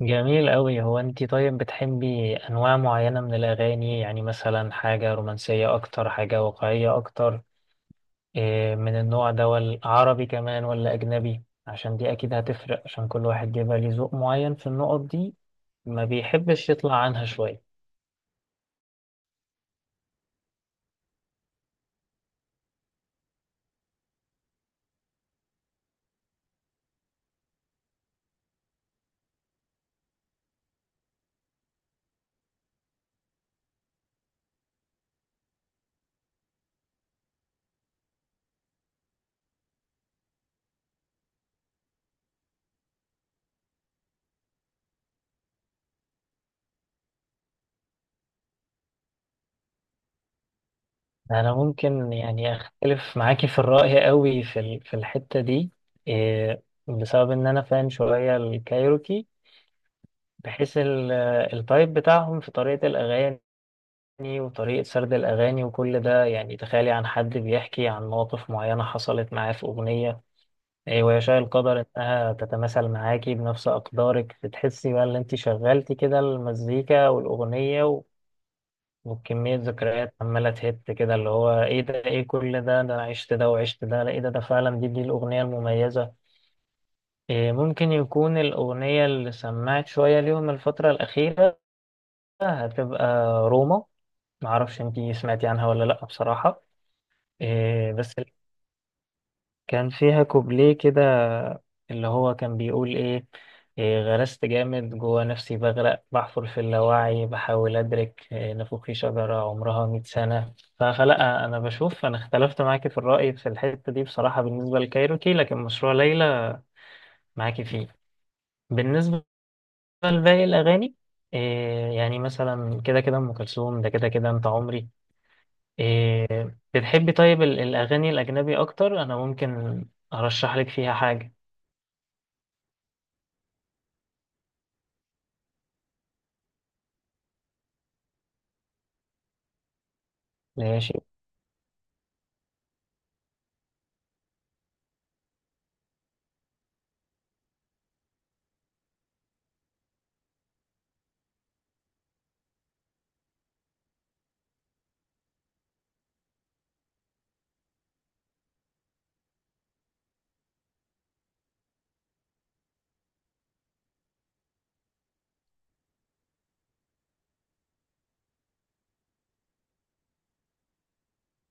جميل أوي. هو أنتي طيب بتحبي أنواع معينة من الأغاني؟ يعني مثلا حاجة رومانسية أكتر، حاجة واقعية أكتر، إيه من النوع ده؟ ولا عربي كمان ولا أجنبي؟ عشان دي أكيد هتفرق، عشان كل واحد بيبقى ليه ذوق معين في النقط دي، ما بيحبش يطلع عنها شوية. أنا ممكن يعني أختلف معاكي في الرأي أوي في الحتة دي، إيه، بسبب إن أنا فان شوية الكايروكي، بحيث التايب بتاعهم في طريقة الأغاني وطريقة سرد الأغاني وكل ده. يعني تخيلي عن حد بيحكي عن مواقف معينة حصلت معاه في أغنية، إيه، ويشاء القدر إنها تتماثل معاكي بنفس أقدارك، بتحسي بقى إن أنت شغلتي كده المزيكا والأغنية وكمية ذكريات عمالة تهت كده، اللي هو إيه ده؟ إيه كل ده؟ ده أنا عشت ده وعشت ده. لا، إيه ده؟ ده فعلا دي الأغنية المميزة. إيه ممكن يكون الأغنية اللي سمعت شوية ليهم الفترة الأخيرة هتبقى روما، معرفش أنت سمعتي عنها ولا لأ بصراحة. إيه بس كان فيها كوبليه كده اللي هو كان بيقول إيه، إيه، غرست جامد جوا نفسي، بغرق، بحفر في اللاوعي، بحاول أدرك، إيه، نافوخي شجرة عمرها 100 سنة. فلا أنا بشوف أنا اختلفت معاكي في الرأي في الحتة دي بصراحة بالنسبة لكايروكي، لكن مشروع ليلى معاكي فيه. بالنسبة لباقي الأغاني، إيه يعني مثلا كده كده أم كلثوم، ده كده كده أنت عمري، إيه بتحبي. طيب الأغاني الأجنبي أكتر أنا ممكن أرشح لك فيها حاجة. ماشي.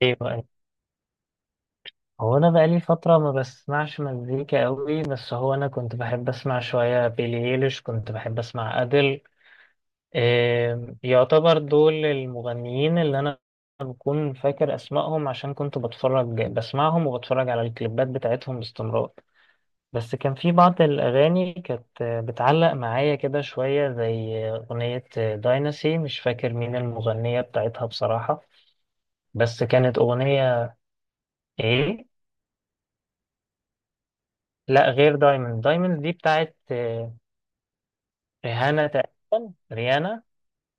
إيه بقى، هو أنا بقالي فترة ما بسمعش مزيكا أوي، بس هو أنا كنت بحب أسمع شوية بيلي إيليش، كنت بحب أسمع أديل، إيه، يعتبر دول المغنيين اللي أنا بكون فاكر أسمائهم عشان كنت بتفرج بسمعهم وبتفرج على الكليبات بتاعتهم باستمرار. بس كان في بعض الأغاني كانت بتعلق معايا كده شوية زي أغنية دايناسي، مش فاكر مين المغنية بتاعتها بصراحة، بس كانت أغنية. إيه؟ لا، غير دايموند. دايموند دي بتاعت ريهانا تقريبا، ريانا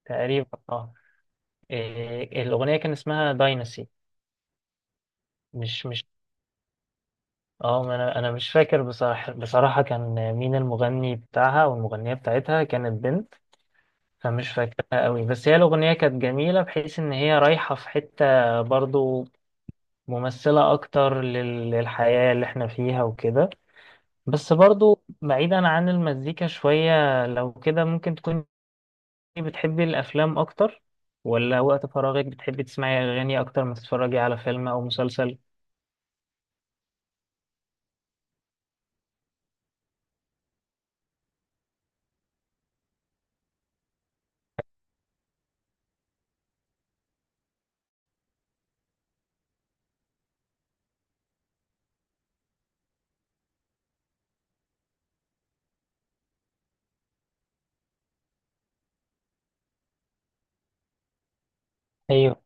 تقريبا، اه. إيه، الأغنية كان اسمها دايناسي. مش مش اه ما أنا مش فاكر بصراحة، بصراحة كان مين المغني بتاعها، والمغنية بتاعتها كانت بنت. انا مش فاكرها قوي، بس هي الاغنيه كانت جميله بحيث ان هي رايحه في حته برضو ممثله اكتر للحياه اللي احنا فيها وكده. بس برضو بعيدا عن المزيكا شويه، لو كده ممكن تكوني بتحبي الافلام اكتر؟ ولا وقت فراغك بتحبي تسمعي اغاني اكتر ما تتفرجي على فيلم او مسلسل؟ ايوه.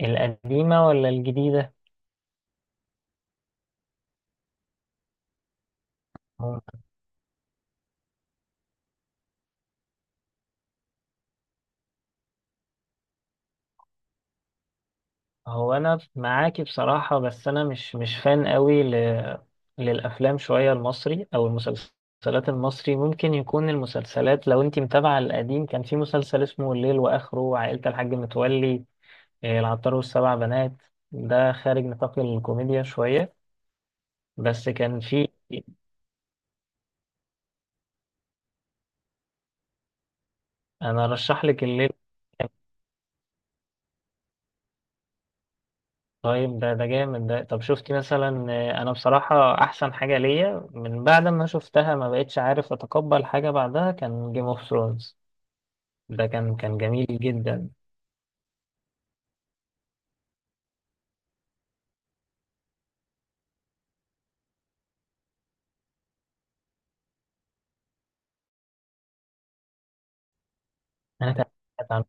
القديمه ولا الجديده؟ هو انا معاكي بصراحة، بس انا مش فان قوي للافلام شوية المصري او المسلسلات المصري. ممكن يكون المسلسلات، لو انتي متابعة القديم، كان في مسلسل اسمه الليل واخره، عائلة الحاج متولي، إيه، العطار والسبع بنات، ده خارج نطاق الكوميديا شوية، بس كان في. انا ارشح لك الليل. طيب ده، ده جامد ده. طب شفتي مثلا، انا بصراحة احسن حاجة ليا من بعد ما شفتها ما بقتش عارف اتقبل حاجة بعدها كان جيم اوف ثرونز، ده كان جميل جدا. انا تابعت عنه.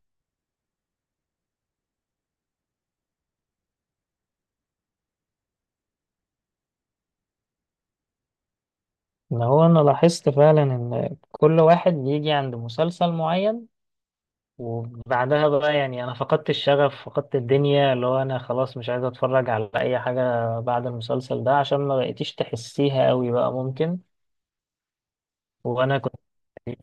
ان هو انا لاحظت فعلا ان كل واحد بيجي عند مسلسل معين وبعدها بقى يعني انا فقدت الشغف، فقدت الدنيا، اللي هو انا خلاص مش عايز اتفرج على اي حاجة بعد المسلسل ده، عشان ما بقيتيش تحسيها قوي بقى، ممكن. وانا كنت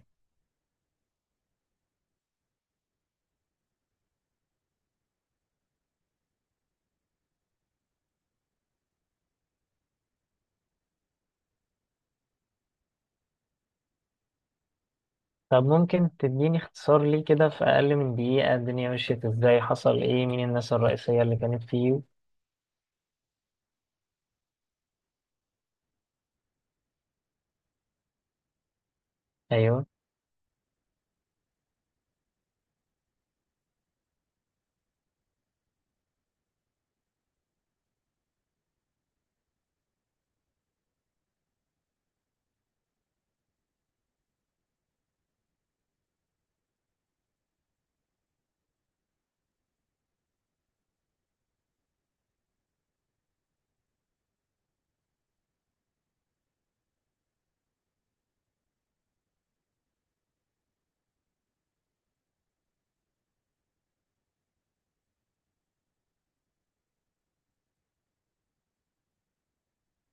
طب ممكن تديني اختصار ليه كده في اقل من دقيقة، الدنيا مشيت ازاي، حصل ايه، مين الناس الرئيسية اللي كانت فيه؟ ايوه.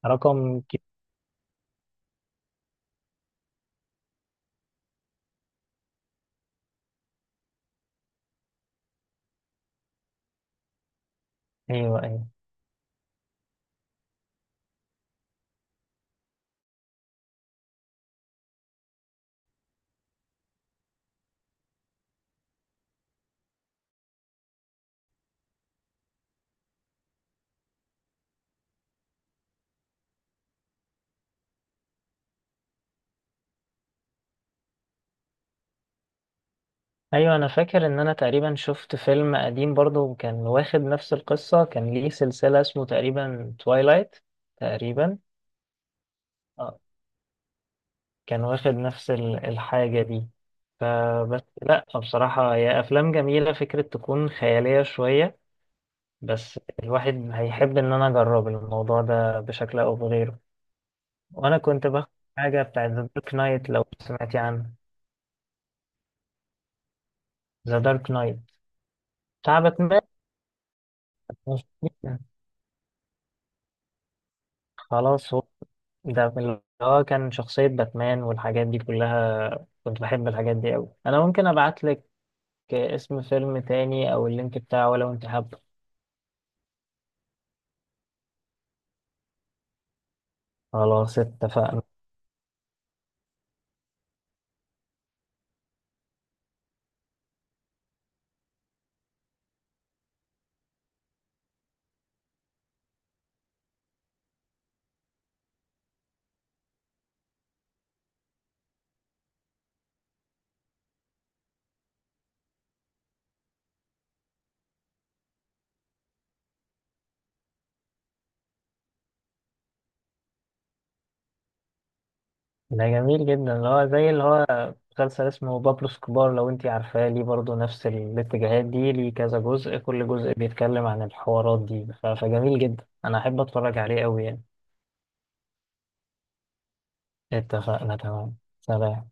رقم ايوه، ايوه. ايوه انا فاكر ان انا تقريبا شفت فيلم قديم برضو كان واخد نفس القصه، كان ليه سلسله اسمه تقريبا تويلايت تقريبا، اه، كان واخد نفس الحاجه دي. فبس لا بصراحه هي افلام جميله، فكره تكون خياليه شويه، بس الواحد هيحب ان انا اجرب الموضوع ده بشكل او بغيره. وانا كنت باخد حاجه بتاعت ذا دارك نايت، لو سمعتي عنه. ذا دارك نايت بتاع باتمان. خلاص. هو ده من اللي هو كان شخصية باتمان والحاجات دي كلها، كنت بحب الحاجات دي أوي. أنا ممكن أبعت لك اسم فيلم تاني أو اللينك بتاعه لو أنت حابه. خلاص اتفقنا. ده جميل جدا، اللي هو زي اللي هو مسلسل اسمه بابلو سكوبار، لو أنت عارفاه، ليه برضه نفس الاتجاهات دي، ليه كذا جزء، كل جزء بيتكلم عن الحوارات دي، فجميل جدا، أنا أحب أتفرج عليه أوي يعني. اتفقنا، تمام، سلام.